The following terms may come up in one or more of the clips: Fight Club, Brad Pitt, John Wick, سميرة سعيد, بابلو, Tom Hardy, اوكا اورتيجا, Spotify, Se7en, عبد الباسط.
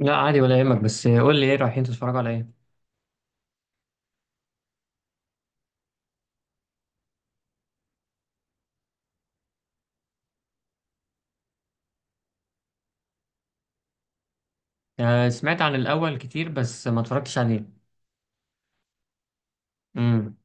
لا، عادي ولا يهمك، بس قول لي ايه رايحين تتفرجوا على ايه؟ آه، سمعت عن الاول كتير بس ما اتفرجتش عليه. امم.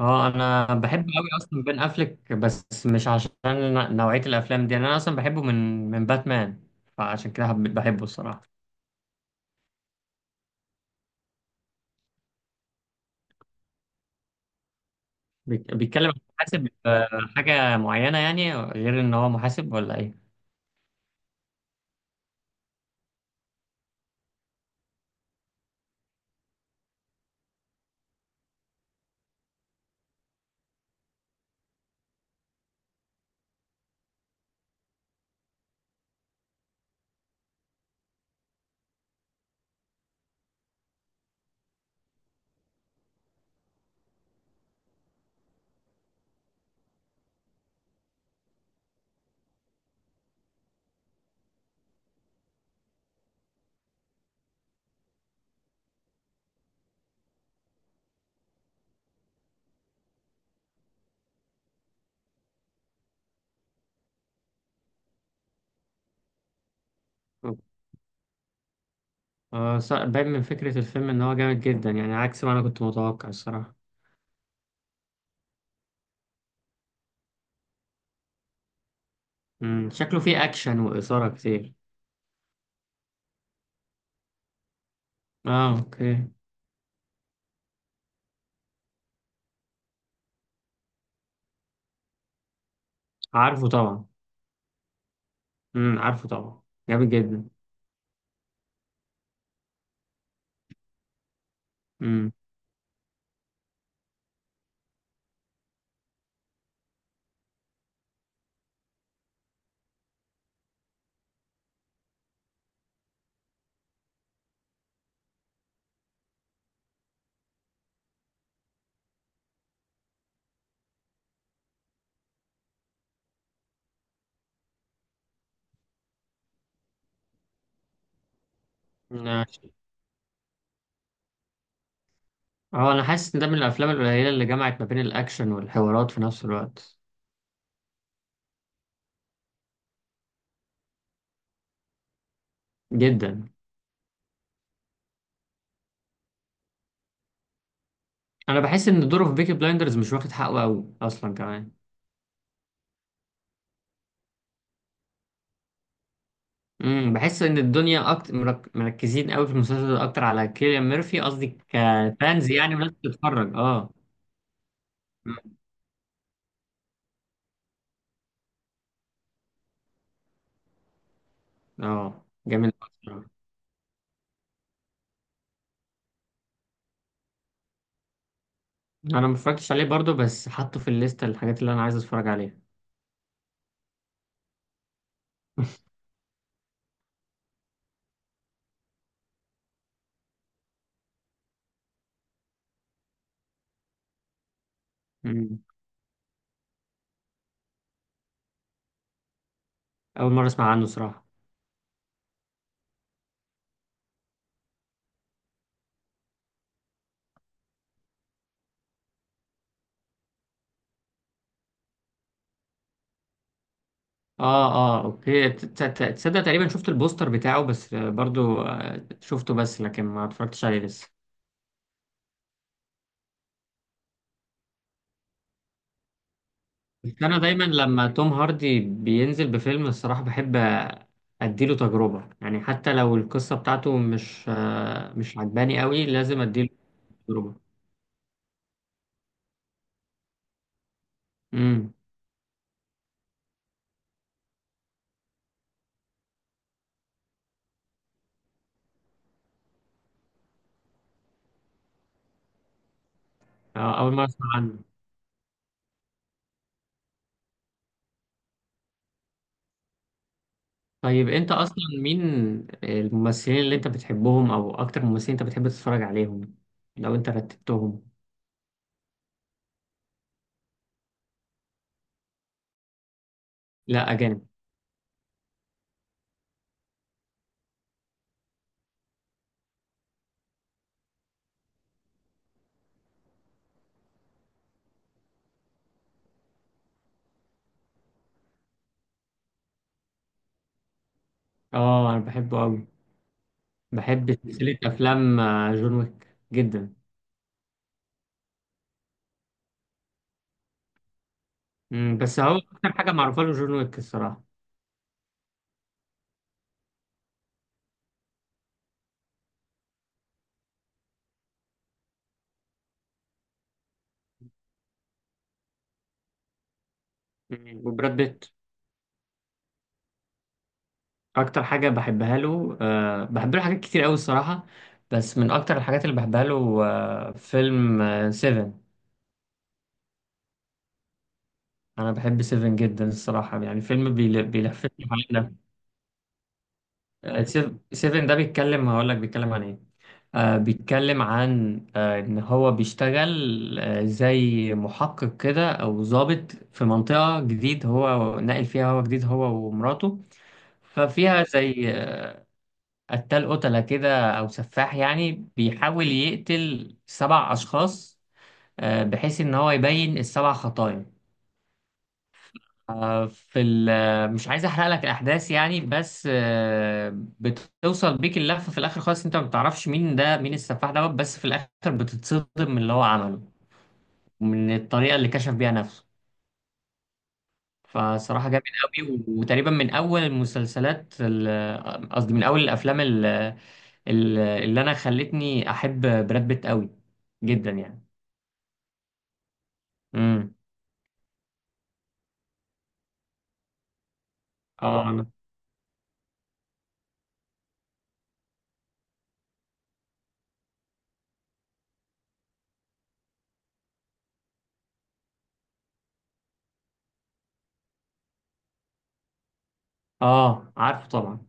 اه، انا بحب قوي اصلا بين افليك، بس مش عشان نوعيه الافلام دي، انا اصلا بحبه من باتمان. فعشان كده بحبه الصراحه. بيتكلم عن محاسب، حاجه معينه يعني، غير ان هو محاسب ولا ايه؟ آه، باين من فكره الفيلم ان هو جامد جدا، يعني عكس ما انا كنت متوقع الصراحه. شكله فيه اكشن واثاره كتير. اه، اوكي. عارفه طبعا. عارفه طبعا. جامد جدا. امم. ماشي. اه، انا حاسس ان ده من الافلام القليله اللي جمعت ما بين الاكشن والحوارات في نفس الوقت. جدا. انا بحس ان دوره في بيكي بلايندرز مش واخد حقه قوي اصلا كمان. بحس ان الدنيا اكتر مركزين قوي في المسلسل ده اكتر على كيليان ميرفي، قصدي كفانز يعني، وناس بتتفرج، اه. مم. اه، جامد أوي بصراحة. انا ما اتفرجتش عليه برضه، بس حاطه في الليسته الحاجات اللي انا عايز اتفرج عليها. امم اول مره اسمع عنه صراحه. اه. اه، اوكي، تصدق تقريبا شفت البوستر بتاعه، بس برضو شفته، بس لكن ما اتفرجتش عليه لسه. بس انا دايما لما توم هاردي بينزل بفيلم الصراحة بحب، اديله تجربة، يعني حتى لو القصة بتاعته مش عجباني قوي، لازم اديله تجربة. امم اول مرة اسمع عنه. طيب، انت اصلا مين الممثلين اللي انت بتحبهم، او اكتر ممثلين انت بتحب تتفرج عليهم لو انت رتبتهم؟ لا، اجانب. اه، انا بحبه قوي. بحب سلسلة أفلام جون ويك جدا. مم، بس هو أكتر حاجة معروفة له جون ويك الصراحة. مم، وبراد بيت أكتر حاجة بحبها له. بحب له حاجات كتير أوي الصراحة، بس من أكتر الحاجات اللي بحبها له فيلم سيفن. أنا بحب سيفن جدا الصراحة، يعني فيلم بيلفتني حوالين ده. آه، سيفن ده بيتكلم، هقول لك بيتكلم عن إيه. آه، بيتكلم عن إن هو بيشتغل زي محقق كده، أو ضابط في منطقة جديد هو ناقل فيها، هو جديد هو ومراته. ففيها زي قتال قتلة كده، أو سفاح يعني بيحاول يقتل سبع أشخاص، بحيث إن هو يبين السبع خطايا. آه، في ال- آه، مش عايز احرق لك الاحداث يعني، بس بتوصل بيك اللفه في الاخر خالص، انت ما بتعرفش مين ده، مين السفاح دوت، بس في الاخر بتتصدم من اللي هو عمله، من الطريقه اللي كشف بيها نفسه. فصراحه جامد قوي، وتقريبا من اول المسلسلات آه، قصدي من اول الافلام اللي انا خلتني احب براد بيت قوي جدا يعني. امم. اه، اه، عارفه طبعا.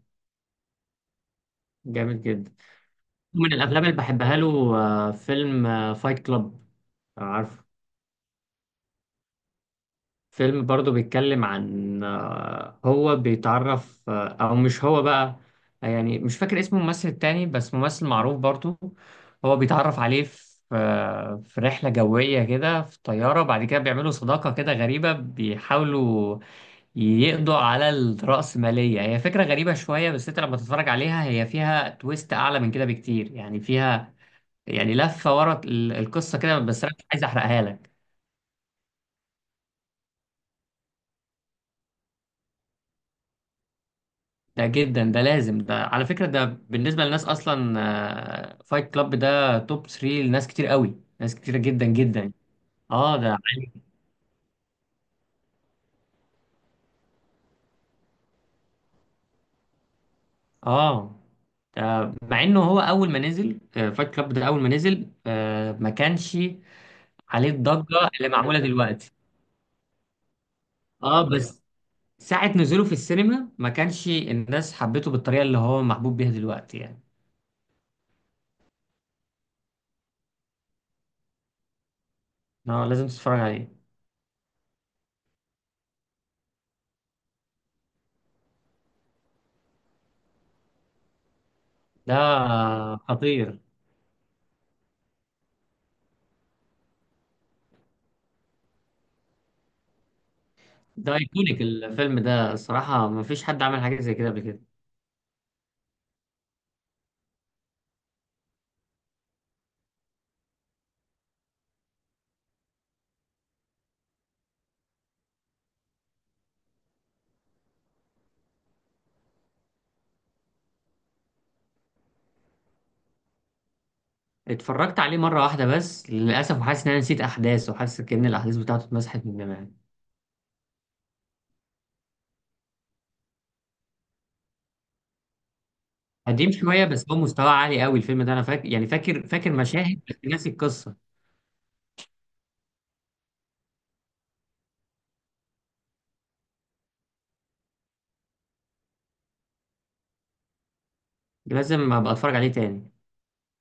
جامد جدا. من الافلام اللي بحبها له فيلم فايت كلاب، عارف؟ فيلم برضو بيتكلم عن، هو بيتعرف، او مش هو بقى، يعني مش فاكر اسم الممثل التاني بس ممثل معروف برضو. هو بيتعرف عليه في في رحلة جوية كده، في طيارة، بعد كده بيعملوا صداقة كده غريبة، بيحاولوا يقضوا على الرأسمالية. هي فكرة غريبة شوية بس انت لما تتفرج عليها هي فيها تويست أعلى من كده بكتير، يعني فيها يعني لفه ورا القصه كده، بس انا مش عايز احرقها لك. ده جدا، ده لازم، ده على فكره، ده بالنسبه للناس اصلا، فايت كلاب ده توب 3 لناس كتير قوي، ناس كتير جدا جدا. اه، ده عالي. اه، ده مع انه هو اول ما نزل فايت كلاب ده، اول ما نزل، ما كانش عليه الضجه اللي معموله دلوقتي. اه، بس ساعه نزوله في السينما ما كانش الناس حبته بالطريقه اللي هو محبوب بيها دلوقتي يعني. اه، لازم تتفرج عليه. ده خطير. ده ايكونيك الفيلم ده الصراحة، مفيش حد عمل حاجة زي كده قبل كده. اتفرجت عليه مرة واحدة بس للأسف، وحاسس إن أنا نسيت أحداث، وحاسس كأن الأحداث بتاعته اتمسحت من دماغي. قديم شوية، بس هو مستوى عالي قوي الفيلم ده، أنا فاكر، يعني فاكر فاكر مشاهد بس ناسي القصة. لازم أبقى أتفرج عليه تاني.